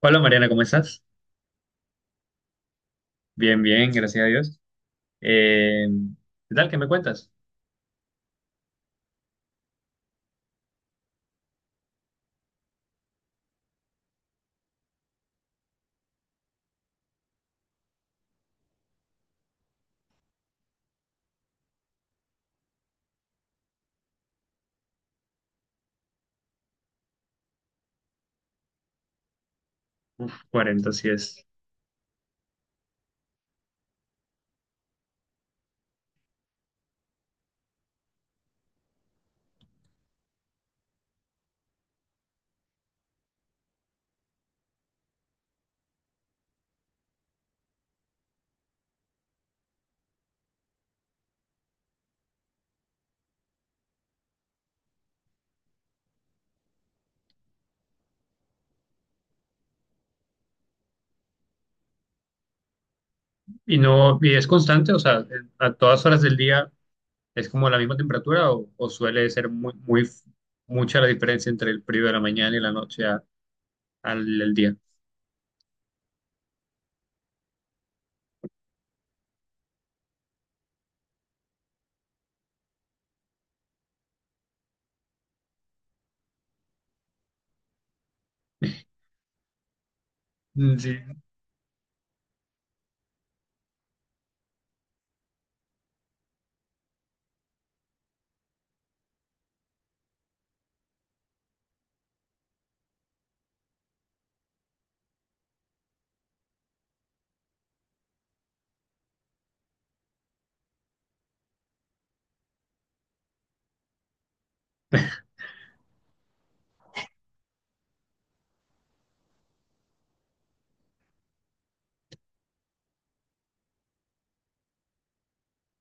Hola Mariana, ¿cómo estás? Bien, bien, gracias a Dios. Eh, ¿Qué tal? ¿Qué me cuentas? Uf, 40, sí es. ¿Y no, y es constante? O sea, a todas horas del día es como la misma temperatura o suele ser muy, muy, mucha la diferencia entre el periodo de la mañana y la noche al el día. Mm, sí.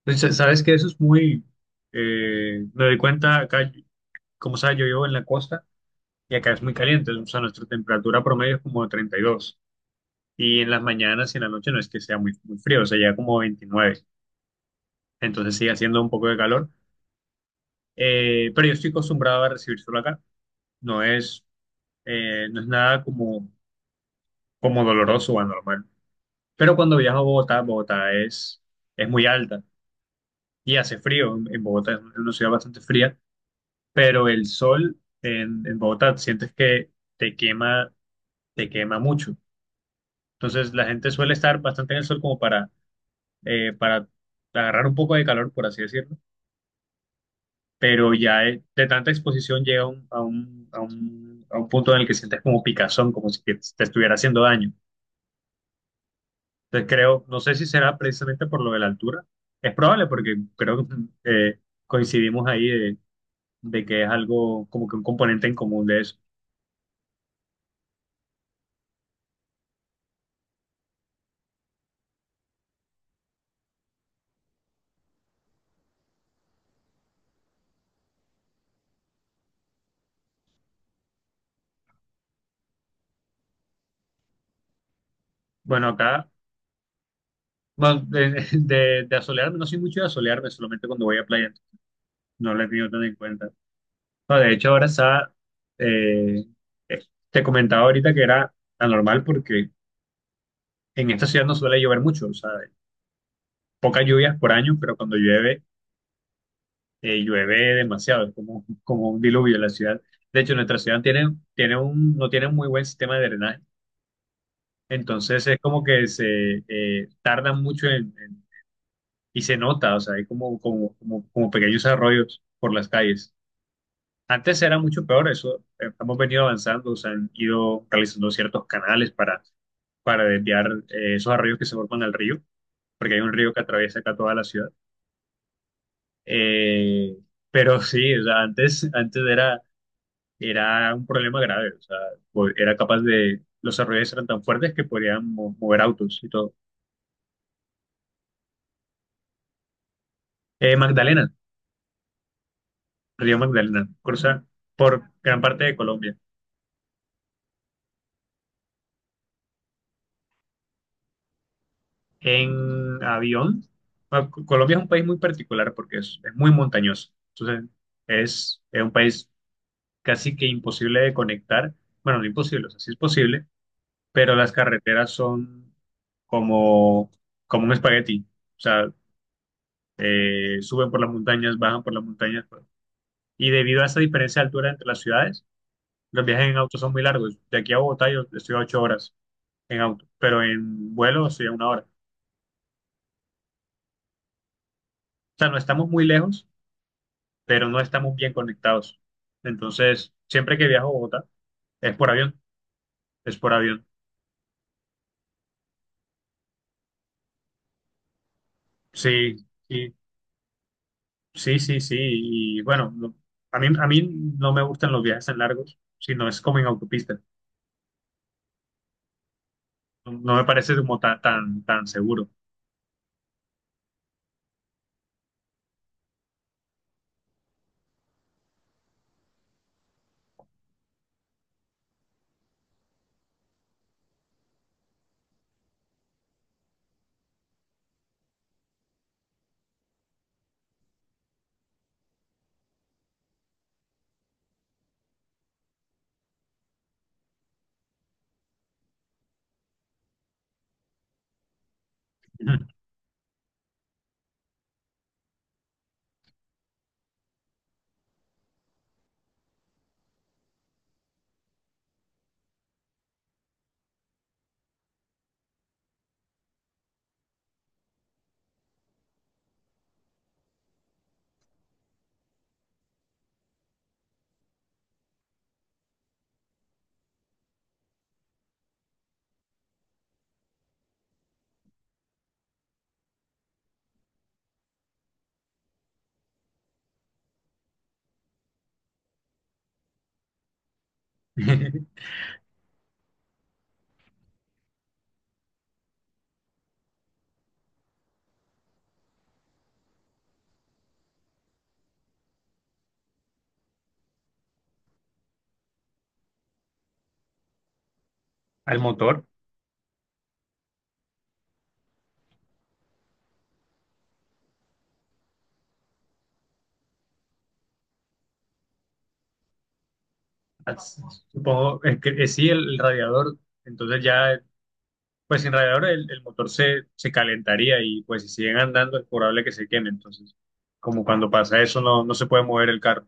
Pues, sabes que eso es muy, me doy cuenta acá, como sabes, yo vivo en la costa y acá es muy caliente, o sea, nuestra temperatura promedio es como 32. Y en las mañanas y en la noche no es que sea muy, muy frío, o sea, ya como 29. Entonces sigue haciendo un poco de calor. Pero yo estoy acostumbrado a recibir sol acá. No es, no es nada como doloroso o anormal. Pero cuando viajo a Bogotá, Bogotá es muy alta y hace frío. En Bogotá es una ciudad bastante fría, pero el sol en Bogotá sientes que te quema, te quema mucho. Entonces la gente suele estar bastante en el sol como para agarrar un poco de calor, por así decirlo, pero ya de tanta exposición llega a un punto en el que sientes como picazón, como si que te estuviera haciendo daño. Entonces creo, no sé si será precisamente por lo de la altura, es probable porque creo que eh, coincidimos ahí de que es algo como que un componente en común de eso. Bueno, acá, bueno, de, de asolearme, no soy mucho de asolearme, solamente cuando voy a playa, no lo he tenido tan en cuenta. No, de hecho, ahora está, eh, eh, te comentaba ahorita que era anormal porque en esta ciudad no suele llover mucho, o sea, pocas lluvias por año, pero cuando llueve, llueve demasiado, es como un diluvio en la ciudad. De hecho, nuestra ciudad no tiene un muy buen sistema de drenaje, entonces es como que se tardan mucho y se nota, o sea, hay como pequeños arroyos por las calles. Antes era mucho peor eso, hemos venido avanzando, o sea, han ido realizando ciertos canales para desviar esos arroyos que se forman al río, porque hay un río que atraviesa acá toda la ciudad. Eh, pero sí, o sea, antes era, un problema grave, o sea, era capaz de, los arroyos eran tan fuertes que podían mover autos y todo. Magdalena, Río Magdalena, cruza por gran parte de Colombia. En avión, bueno, Colombia es un país muy particular porque es muy montañoso, entonces es un país casi que imposible de conectar, bueno, no imposible, o sea, sí es posible, pero las carreteras son como, como un espagueti. O sea, suben por las montañas, bajan por las montañas, pues. Y debido a esa diferencia de altura entre las ciudades, los viajes en auto son muy largos. De aquí a Bogotá yo estoy a 8 horas en auto, pero en vuelo estoy a 1 hora. O sea, no estamos muy lejos, pero no estamos bien conectados. Entonces, siempre que viajo a Bogotá, es por avión, es por avión. Sí, sí. Sí, sí, sí. Y bueno, a mí no me gustan los viajes tan largos, sino es como en autopista. No, no me parece como tan seguro. Al motor, al- supongo, es que sí, el radiador. Entonces ya, pues sin radiador el motor se calentaría y pues si siguen andando es probable que se queme. Entonces, como cuando pasa eso, no, no se puede mover el carro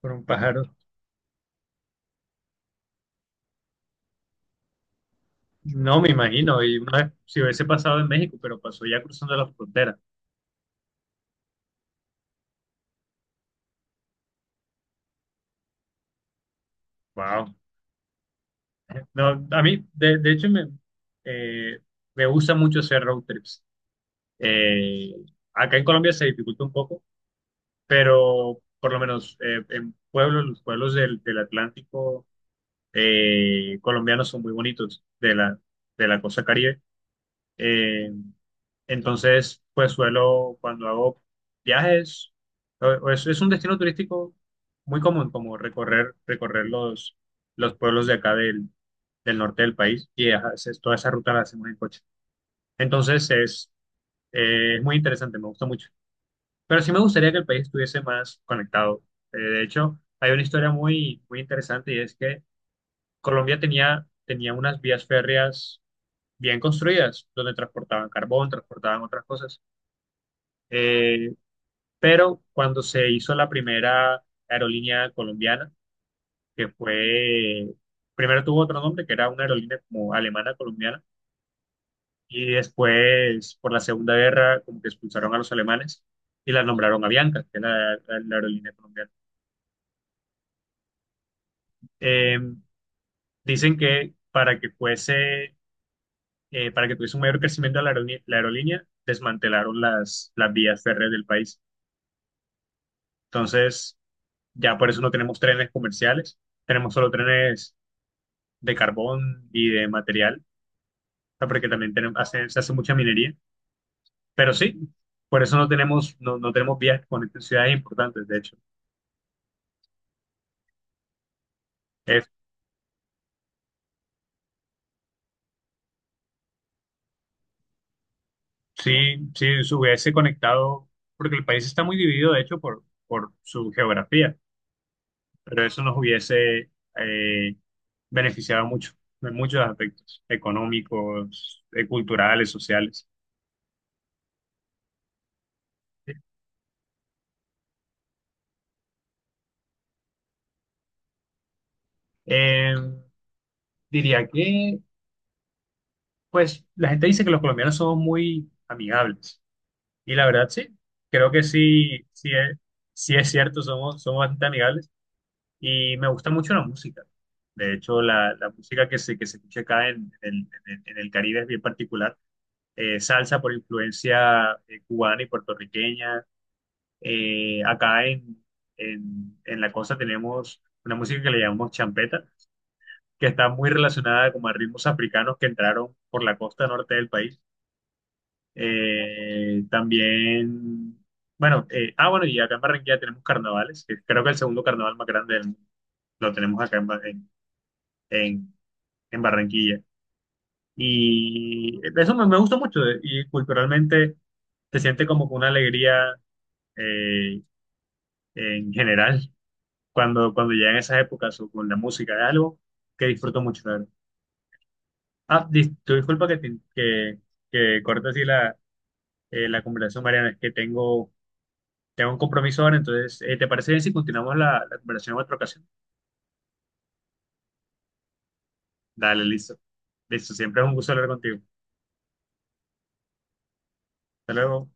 por un pájaro. No me imagino. Y una vez, si hubiese pasado en México, pero pasó ya cruzando la frontera. Wow. No, a mí, de hecho, eh, me gusta mucho hacer road trips. Eh, Acá en Colombia se dificulta un poco, pero por lo menos en pueblos, los pueblos del Atlántico colombianos son muy bonitos, de la costa Caribe. Eh, entonces, pues suelo, cuando hago viajes, o es un destino turístico muy común, como recorrer, recorrer los pueblos de acá del norte del país y ajá, toda esa ruta la hacemos en coche. Entonces, es muy interesante, me gusta mucho. Pero sí me gustaría que el país estuviese más conectado. De hecho, hay una historia muy, muy interesante y es que Colombia tenía unas vías férreas bien construidas, donde transportaban carbón, transportaban otras cosas. Eh, pero cuando se hizo la primera aerolínea colombiana, que fue, primero tuvo otro nombre, que era una aerolínea como alemana colombiana, y después por la Segunda Guerra como que expulsaron a los alemanes y la nombraron Avianca, que era la aerolínea colombiana. Eh, Dicen que para que fuese, para que tuviese un mayor crecimiento la aerolínea desmantelaron las vías férreas del país. Entonces, ya por eso no tenemos trenes comerciales, tenemos solo trenes de carbón y de material, o sea, porque también tenemos, se hace mucha minería, pero sí, por eso no tenemos, no, no tenemos vías que conecten ciudades importantes, de hecho. Es, sí, sí, se hubiese conectado, porque el país está muy dividido, de hecho, por su geografía, pero eso nos hubiese eh, beneficiado mucho, en muchos aspectos, económicos, culturales, sociales. Eh, Diría que, pues, la gente dice que los colombianos somos muy amigables. Y la verdad, sí, creo que sí, sí es cierto, somos, somos bastante amigables y me gusta mucho la música. De hecho, la música que se escucha acá en el Caribe es bien particular. Salsa por influencia cubana y puertorriqueña. Acá en la costa tenemos una música que le llamamos champeta, que está muy relacionada como a ritmos africanos que entraron por la costa norte del país. También, bueno, bueno, y acá en Barranquilla tenemos carnavales, que creo que el segundo carnaval más grande del lo tenemos acá en, Ba- en- en Barranquilla. Y eso me, gusta mucho, y culturalmente se siente como que una alegría eh, en general cuando llegan esas épocas o con la música, es algo que disfruto mucho. La verdad. Ah, tu disculpa que corte así la conversación, Mariana, es que tengo un compromiso ahora, entonces, ¿te parece bien si continuamos la conversación en otra ocasión? Dale, listo. Listo, siempre es un gusto hablar contigo. Hasta luego.